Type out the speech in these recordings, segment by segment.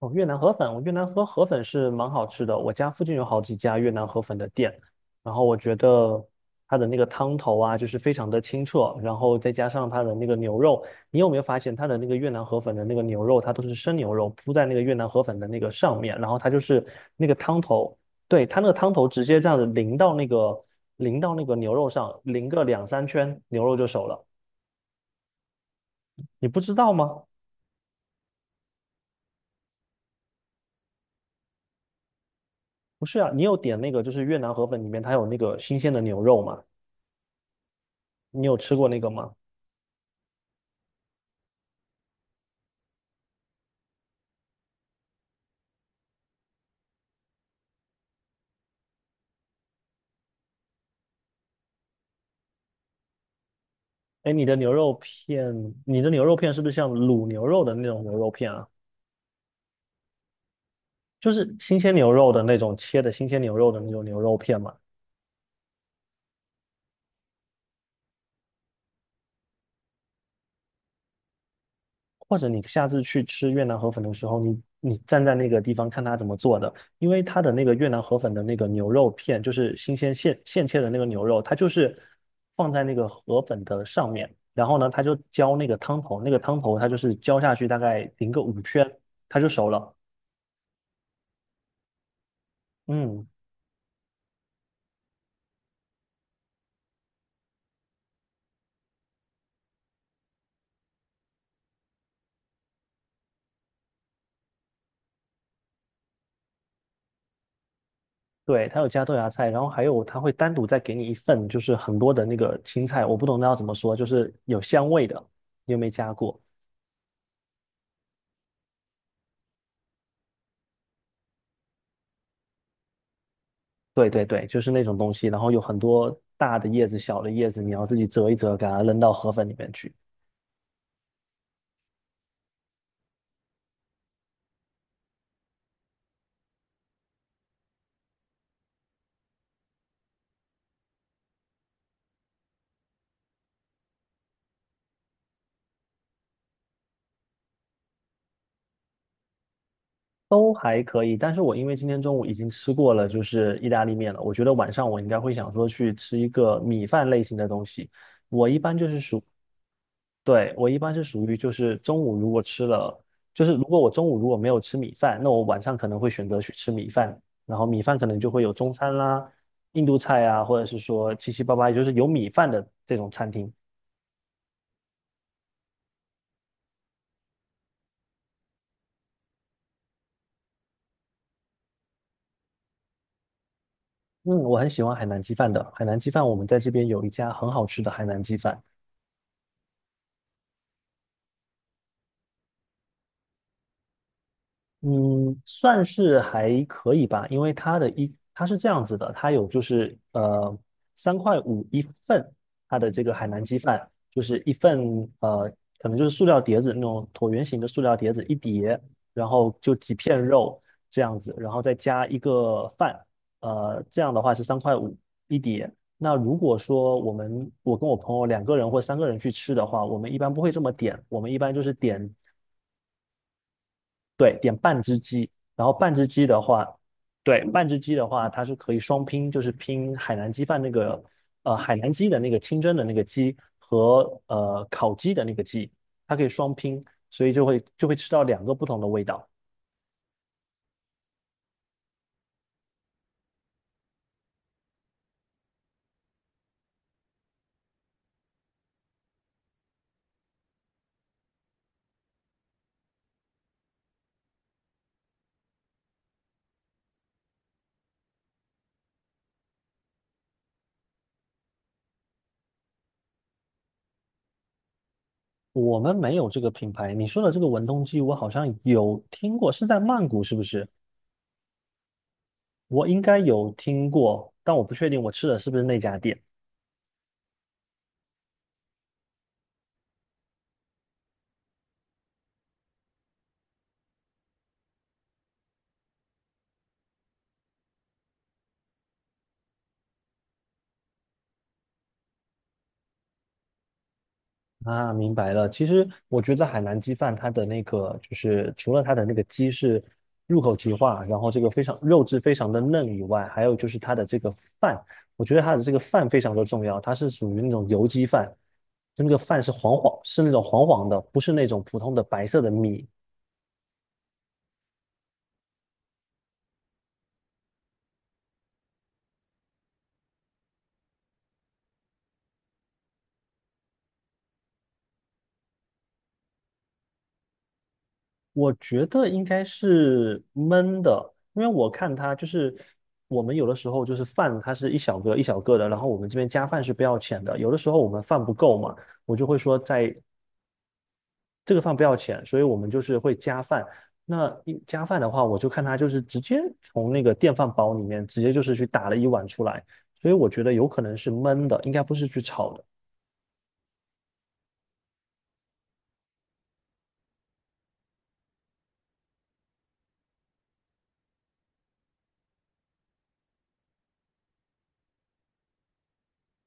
哦，越南河粉，我越南河粉是蛮好吃的。我家附近有好几家越南河粉的店，然后我觉得它的那个汤头啊，就是非常的清澈，然后再加上它的那个牛肉，你有没有发现它的那个越南河粉的那个牛肉，它都是生牛肉铺在那个越南河粉的那个上面，然后它就是那个汤头，对，它那个汤头直接这样子淋到那个牛肉上，淋个两三圈，牛肉就熟了。你不知道吗？不是啊，你有点那个就是越南河粉里面它有那个新鲜的牛肉嘛？你有吃过那个吗？哎，你的牛肉片，你的牛肉片是不是像卤牛肉的那种牛肉片啊？就是新鲜牛肉的那种切的新鲜牛肉的那种牛肉片嘛？或者你下次去吃越南河粉的时候，你站在那个地方看它怎么做的，因为它的那个越南河粉的那个牛肉片，就是新鲜现切的那个牛肉，它就是放在那个河粉的上面，然后呢，它就浇那个汤头，那个汤头它就是浇下去大概淋个五圈，它就熟了。嗯。对，它有加豆芽菜，然后还有它会单独再给你一份，就是很多的那个青菜，我不懂那要怎么说，就是有香味的，你有没有加过？对对对，就是那种东西，然后有很多大的叶子、小的叶子，你要自己折一折，给它扔到河粉里面去，都还可以。但是我因为今天中午已经吃过了，就是意大利面了，我觉得晚上我应该会想说去吃一个米饭类型的东西。我一般就是属对，我一般是属于就是中午如果吃了，就是如果我中午如果没有吃米饭，那我晚上可能会选择去吃米饭，然后米饭可能就会有中餐啦、印度菜啊，或者是说七七八八，也就是有米饭的这种餐厅。嗯，我很喜欢海南鸡饭的，海南鸡饭我们在这边有一家很好吃的海南鸡饭。嗯，算是还可以吧，因为它的一它是这样子的，它有就是三块五一份，它的这个海南鸡饭就是一份呃可能就是塑料碟子那种椭圆形的塑料碟子一碟，然后就几片肉这样子，然后再加一个饭，这样的话是三块五一碟。那如果说我们我跟我朋友两个人或三个人去吃的话，我们一般不会这么点，我们一般就是点对，点半只鸡，然后半只鸡的话，对，半只鸡的话，它是可以双拼，就是拼海南鸡饭那个，海南鸡的那个清蒸的那个鸡和烤鸡的那个鸡，它可以双拼，所以就会吃到两个不同的味道。我们没有这个品牌，你说的这个文东鸡，我好像有听过，是在曼谷是不是？我应该有听过，但我不确定我吃的是不是那家店。啊，明白了。其实我觉得海南鸡饭它的那个，就是除了它的那个鸡是入口即化，然后这个非常肉质非常的嫩以外，还有就是它的这个饭，我觉得它的这个饭非常的重要，它是属于那种油鸡饭，就那个饭是黄黄，是那种黄黄的，不是那种普通的白色的米，我觉得应该是焖的，因为我看它就是我们有的时候就是饭，它是一小个一小个的，然后我们这边加饭是不要钱的。有的时候我们饭不够嘛，我就会说在这个饭不要钱，所以我们就是会加饭。那一加饭的话，我就看它就是直接从那个电饭煲里面直接就是去打了一碗出来，所以我觉得有可能是焖的，应该不是去炒的。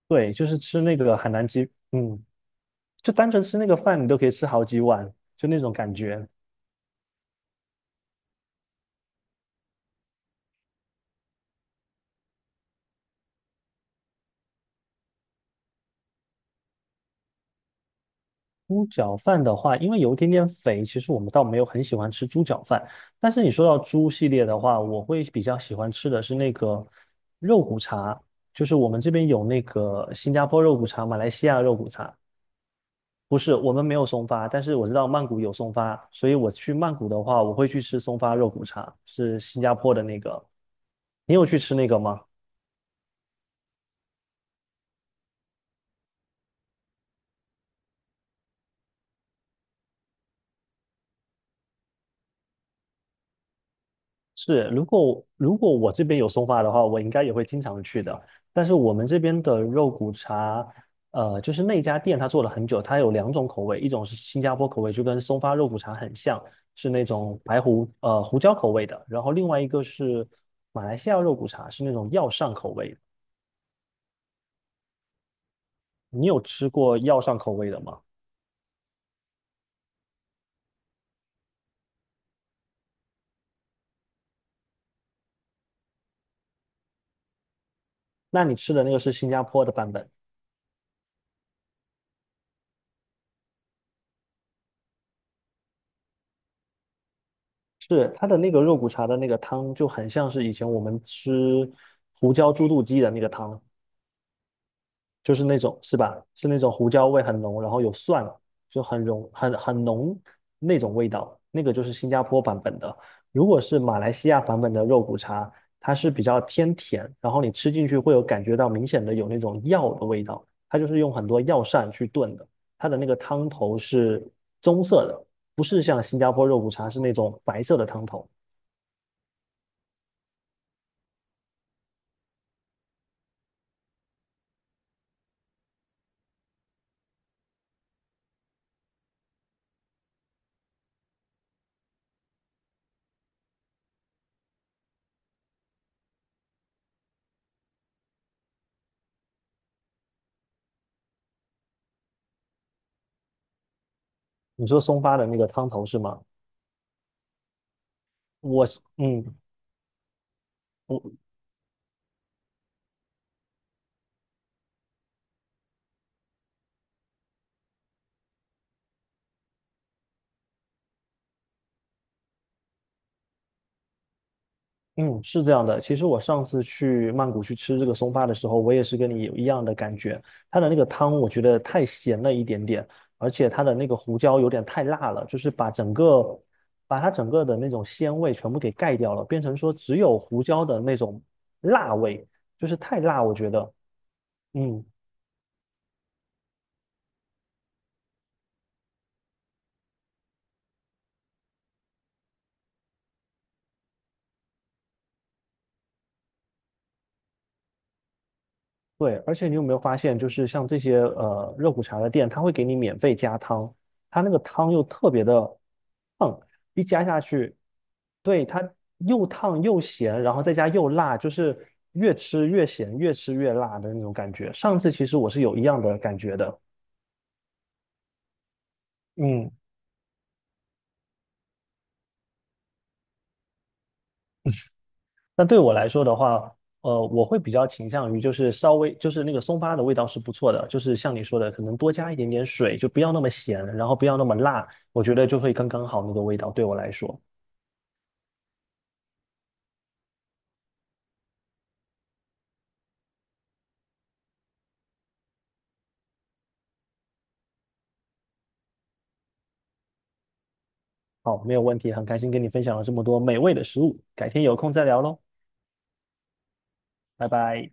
对，就是吃那个海南鸡，嗯，就单纯吃那个饭，你都可以吃好几碗，就那种感觉。猪脚饭的话，因为有一点点肥，其实我们倒没有很喜欢吃猪脚饭。但是你说到猪系列的话，我会比较喜欢吃的是那个肉骨茶，就是我们这边有那个新加坡肉骨茶、马来西亚肉骨茶。不是，我们没有松发，但是我知道曼谷有松发，所以我去曼谷的话，我会去吃松发肉骨茶，是新加坡的那个。你有去吃那个吗？是，如果我这边有松发的话，我应该也会经常去的。但是我们这边的肉骨茶，就是那家店它做了很久，它有两种口味，一种是新加坡口味，就跟松发肉骨茶很像，是那种胡椒口味的。然后另外一个是马来西亚肉骨茶，是那种药膳口味的。你有吃过药膳口味的吗？那你吃的那个是新加坡的版本。是它的那个肉骨茶的那个汤就很像是以前我们吃胡椒猪肚鸡的那个汤，就是那种是吧？是那种胡椒味很浓，然后有蒜啊，就很浓很浓那种味道，那个就是新加坡版本的。如果是马来西亚版本的肉骨茶，它是比较偏甜，然后你吃进去会有感觉到明显的有那种药的味道，它就是用很多药膳去炖的，它的那个汤头是棕色的，不是像新加坡肉骨茶是那种白色的汤头。你说松发的那个汤头是吗？我是。嗯，是这样的。其实我上次去曼谷去吃这个松发的时候，我也是跟你有一样的感觉。它的那个汤我觉得太咸了一点点，而且它的那个胡椒有点太辣了，就是把它整个的那种鲜味全部给盖掉了，变成说只有胡椒的那种辣味，就是太辣，我觉得。嗯。对，而且你有没有发现，就是像这些热骨茶的店，它会给你免费加汤，它那个汤又特别的烫，一加下去，对，它又烫又咸，然后再加又辣，就是越吃越咸，越吃越辣的那种感觉。上次其实我是有一样的感觉的，嗯。那对我来说的话，我会比较倾向于就是稍微就是那个松发的味道是不错的，就是像你说的，可能多加一点点水，就不要那么咸，然后不要那么辣，我觉得就会刚刚好那个味道对我来说。好，没有问题，很开心跟你分享了这么多美味的食物，改天有空再聊喽，拜拜。